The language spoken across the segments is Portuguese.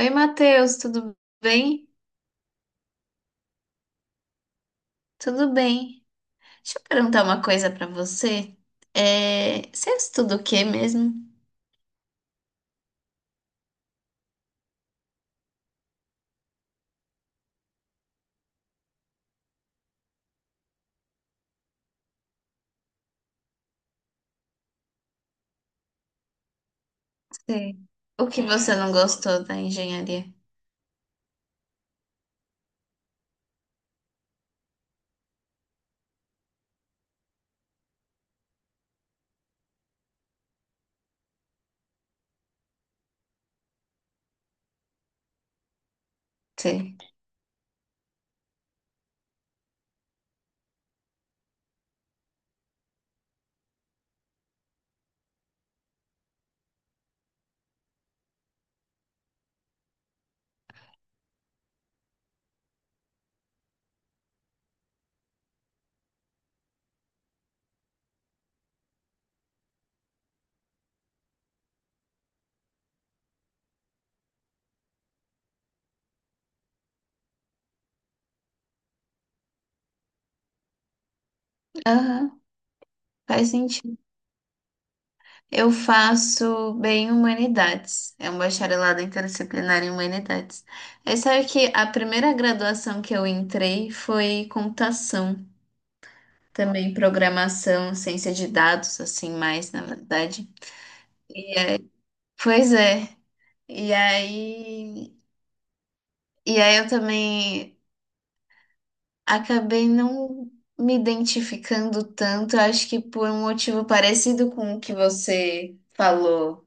Oi, Matheus, tudo bem? Tudo bem. Deixa eu perguntar uma coisa pra você. Você estuda o quê mesmo? Sim. O que você não gostou da engenharia? Sim. Aham, faz sentido. Eu faço bem humanidades. É um bacharelado interdisciplinar em humanidades. É, sabe que a primeira graduação que eu entrei foi computação. Também programação, ciência de dados, assim, mais, na verdade. Pois é. E aí, e aí eu também acabei não me identificando tanto, acho que por um motivo parecido com o que você falou,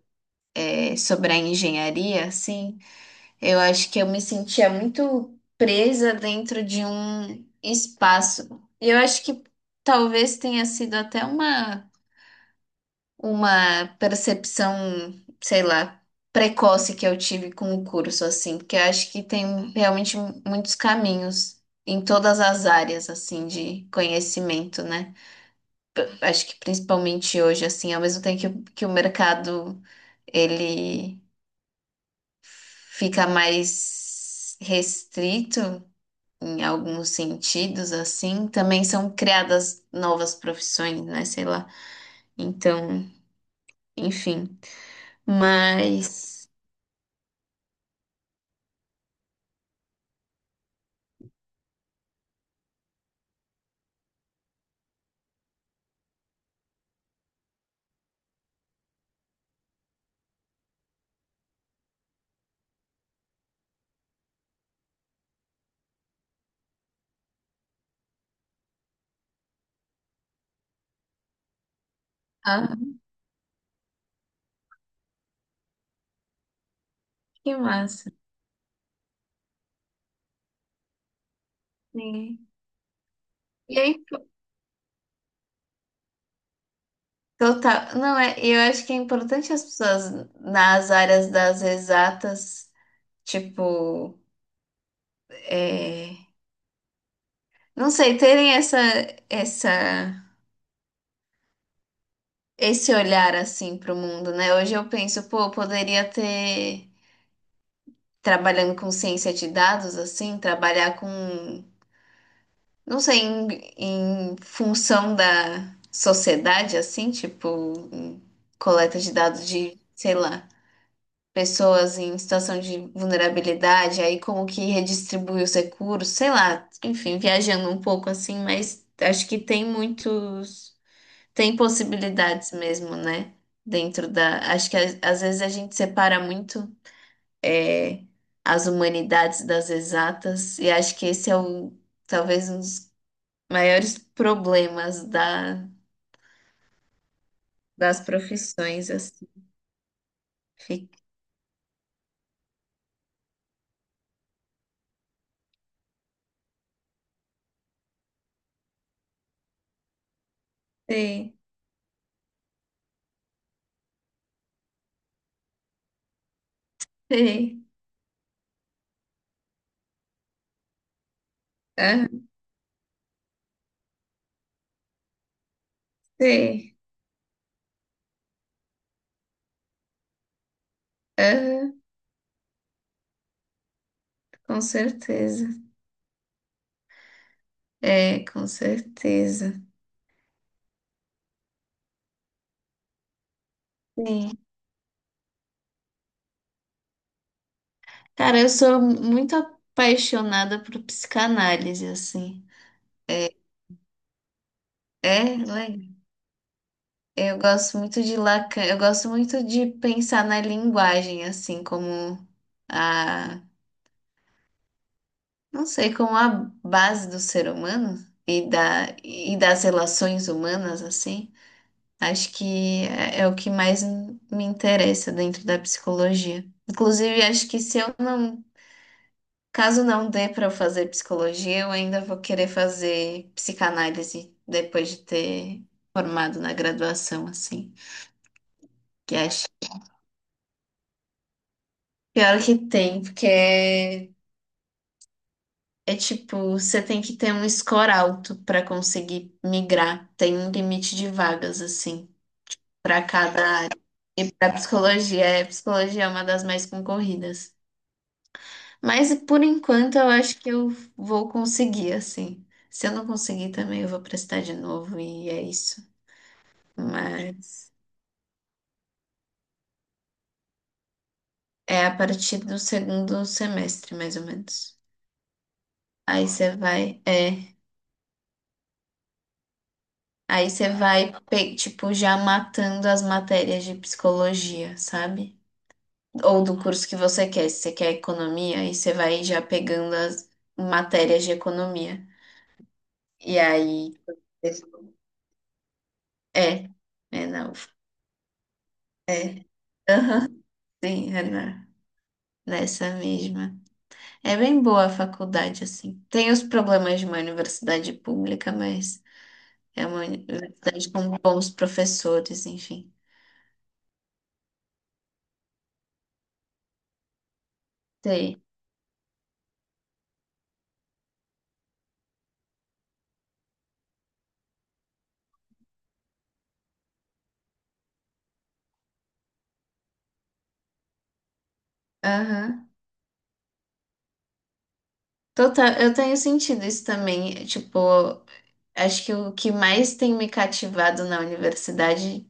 sobre a engenharia, assim, eu acho que eu me sentia muito presa dentro de um espaço. E eu acho que talvez tenha sido até uma percepção, sei lá, precoce que eu tive com o curso, assim, porque eu acho que tem realmente muitos caminhos em todas as áreas, assim, de conhecimento, né? Acho que principalmente hoje, assim, ao mesmo tempo que, que o mercado, ele fica mais restrito em alguns sentidos, assim, também são criadas novas profissões, né? Sei lá. Então, enfim. Mas ah, que massa. Sim. E aí, total. Não, é, eu acho que é importante as pessoas nas áreas das exatas, tipo, é, não sei, terem essa, essa, esse olhar assim para o mundo, né? Hoje eu penso, pô, eu poderia ter, trabalhando com ciência de dados, assim, trabalhar com, não sei, em função da sociedade, assim, tipo, em coleta de dados de, sei lá, pessoas em situação de vulnerabilidade, aí como que redistribui os recursos, sei lá, enfim, viajando um pouco assim, mas acho que tem muitos, tem possibilidades mesmo, né? Acho que às vezes a gente separa muito é, as humanidades das exatas, e acho que esse é o, talvez um dos maiores problemas da, das profissões, assim. Fiquei, sei, sei, ah, sei, ah. Com certeza. É, com certeza. Sim. Cara, eu sou muito apaixonada por psicanálise, assim. É, né? Eu gosto muito de Lacan, eu gosto muito de pensar na linguagem, assim, como a, não sei, como a base do ser humano e da, e das relações humanas, assim. Acho que é, é o que mais me interessa dentro da psicologia. Inclusive, acho que se eu não caso não dê para eu fazer psicologia, eu ainda vou querer fazer psicanálise depois de ter formado na graduação, assim. Que acho que pior que tem, porque é tipo, você tem que ter um score alto para conseguir migrar. Tem um limite de vagas, assim, para cada área. E para psicologia, psicologia é uma das mais concorridas. Mas por enquanto eu acho que eu vou conseguir, assim. Se eu não conseguir também, eu vou prestar de novo e é isso. Mas é a partir do segundo semestre, mais ou menos. Aí você vai, é, aí você vai, tipo, já matando as matérias de psicologia, sabe? Ou do curso que você quer. Se você quer economia, aí você vai já pegando as matérias de economia. E aí. É, é na UFA. É. Aham, sim, nessa mesma. É bem boa a faculdade, assim. Tem os problemas de uma universidade pública, mas. É uma universidade com bons professores, enfim. Sei. Aham. Total, eu tenho sentido isso também. Tipo, acho que o que mais tem me cativado na universidade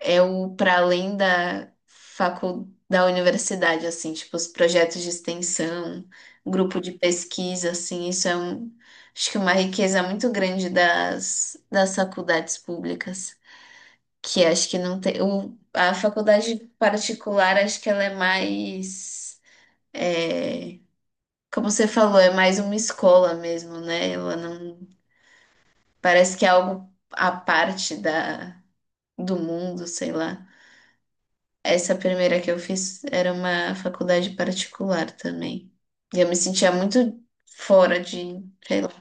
é o para além da facul... da universidade, assim, tipo, os projetos de extensão, grupo de pesquisa, assim, isso é um... acho que uma riqueza muito grande das, das faculdades públicas. Que acho que não tem. A faculdade particular, acho que ela é mais. É, como você falou, é mais uma escola mesmo, né? Ela não. Parece que é algo à parte da, do mundo, sei lá. Essa primeira que eu fiz era uma faculdade particular também. E eu me sentia muito fora de, sei lá.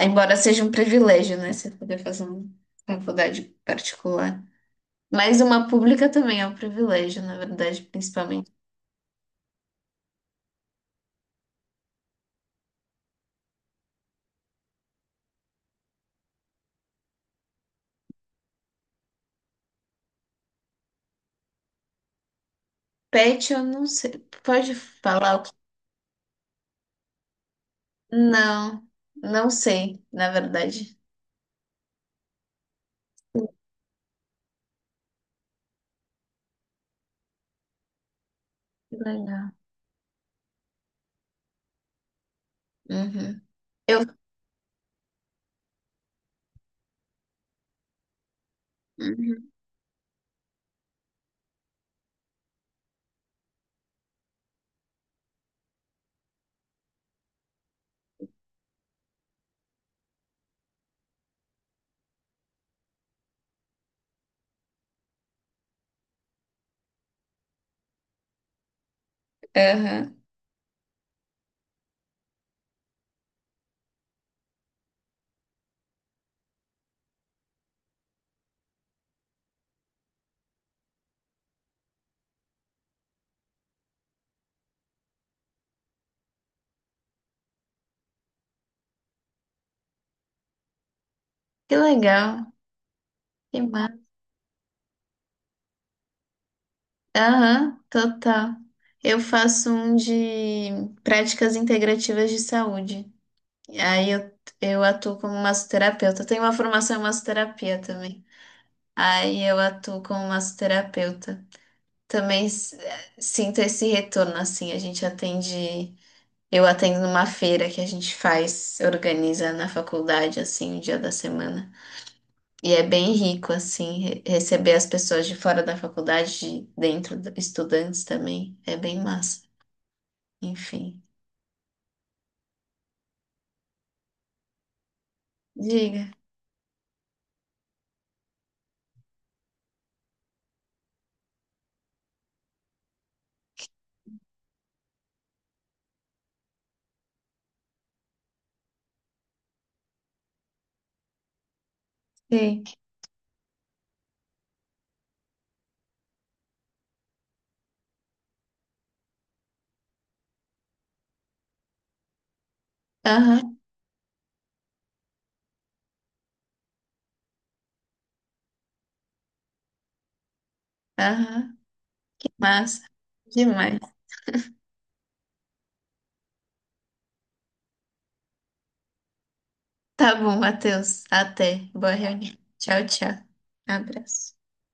Embora seja um privilégio, né? Você poder fazer uma faculdade particular. Mas uma pública também é um privilégio, na verdade, principalmente. Pet, eu não sei. Pode falar o que? Não, não sei, na verdade. Que legal. Uhum. Eu. Uhum. Aham. Que legal. Que massa. Aham, total. Eu faço um de práticas integrativas de saúde. Aí eu atuo como massoterapeuta. Eu tenho uma formação em massoterapia também. Aí eu atuo como massoterapeuta. Também sinto esse retorno, assim. A gente atende. Eu atendo numa feira que a gente faz, organiza na faculdade, assim, um dia da semana. E é bem rico, assim, receber as pessoas de fora da faculdade, de dentro, estudantes também. É bem massa. Enfim. Diga. Sim. Aham, aham. Que massa. Demais. Tá bom, Matheus. Até. Boa reunião. Tchau, tchau. Abraço.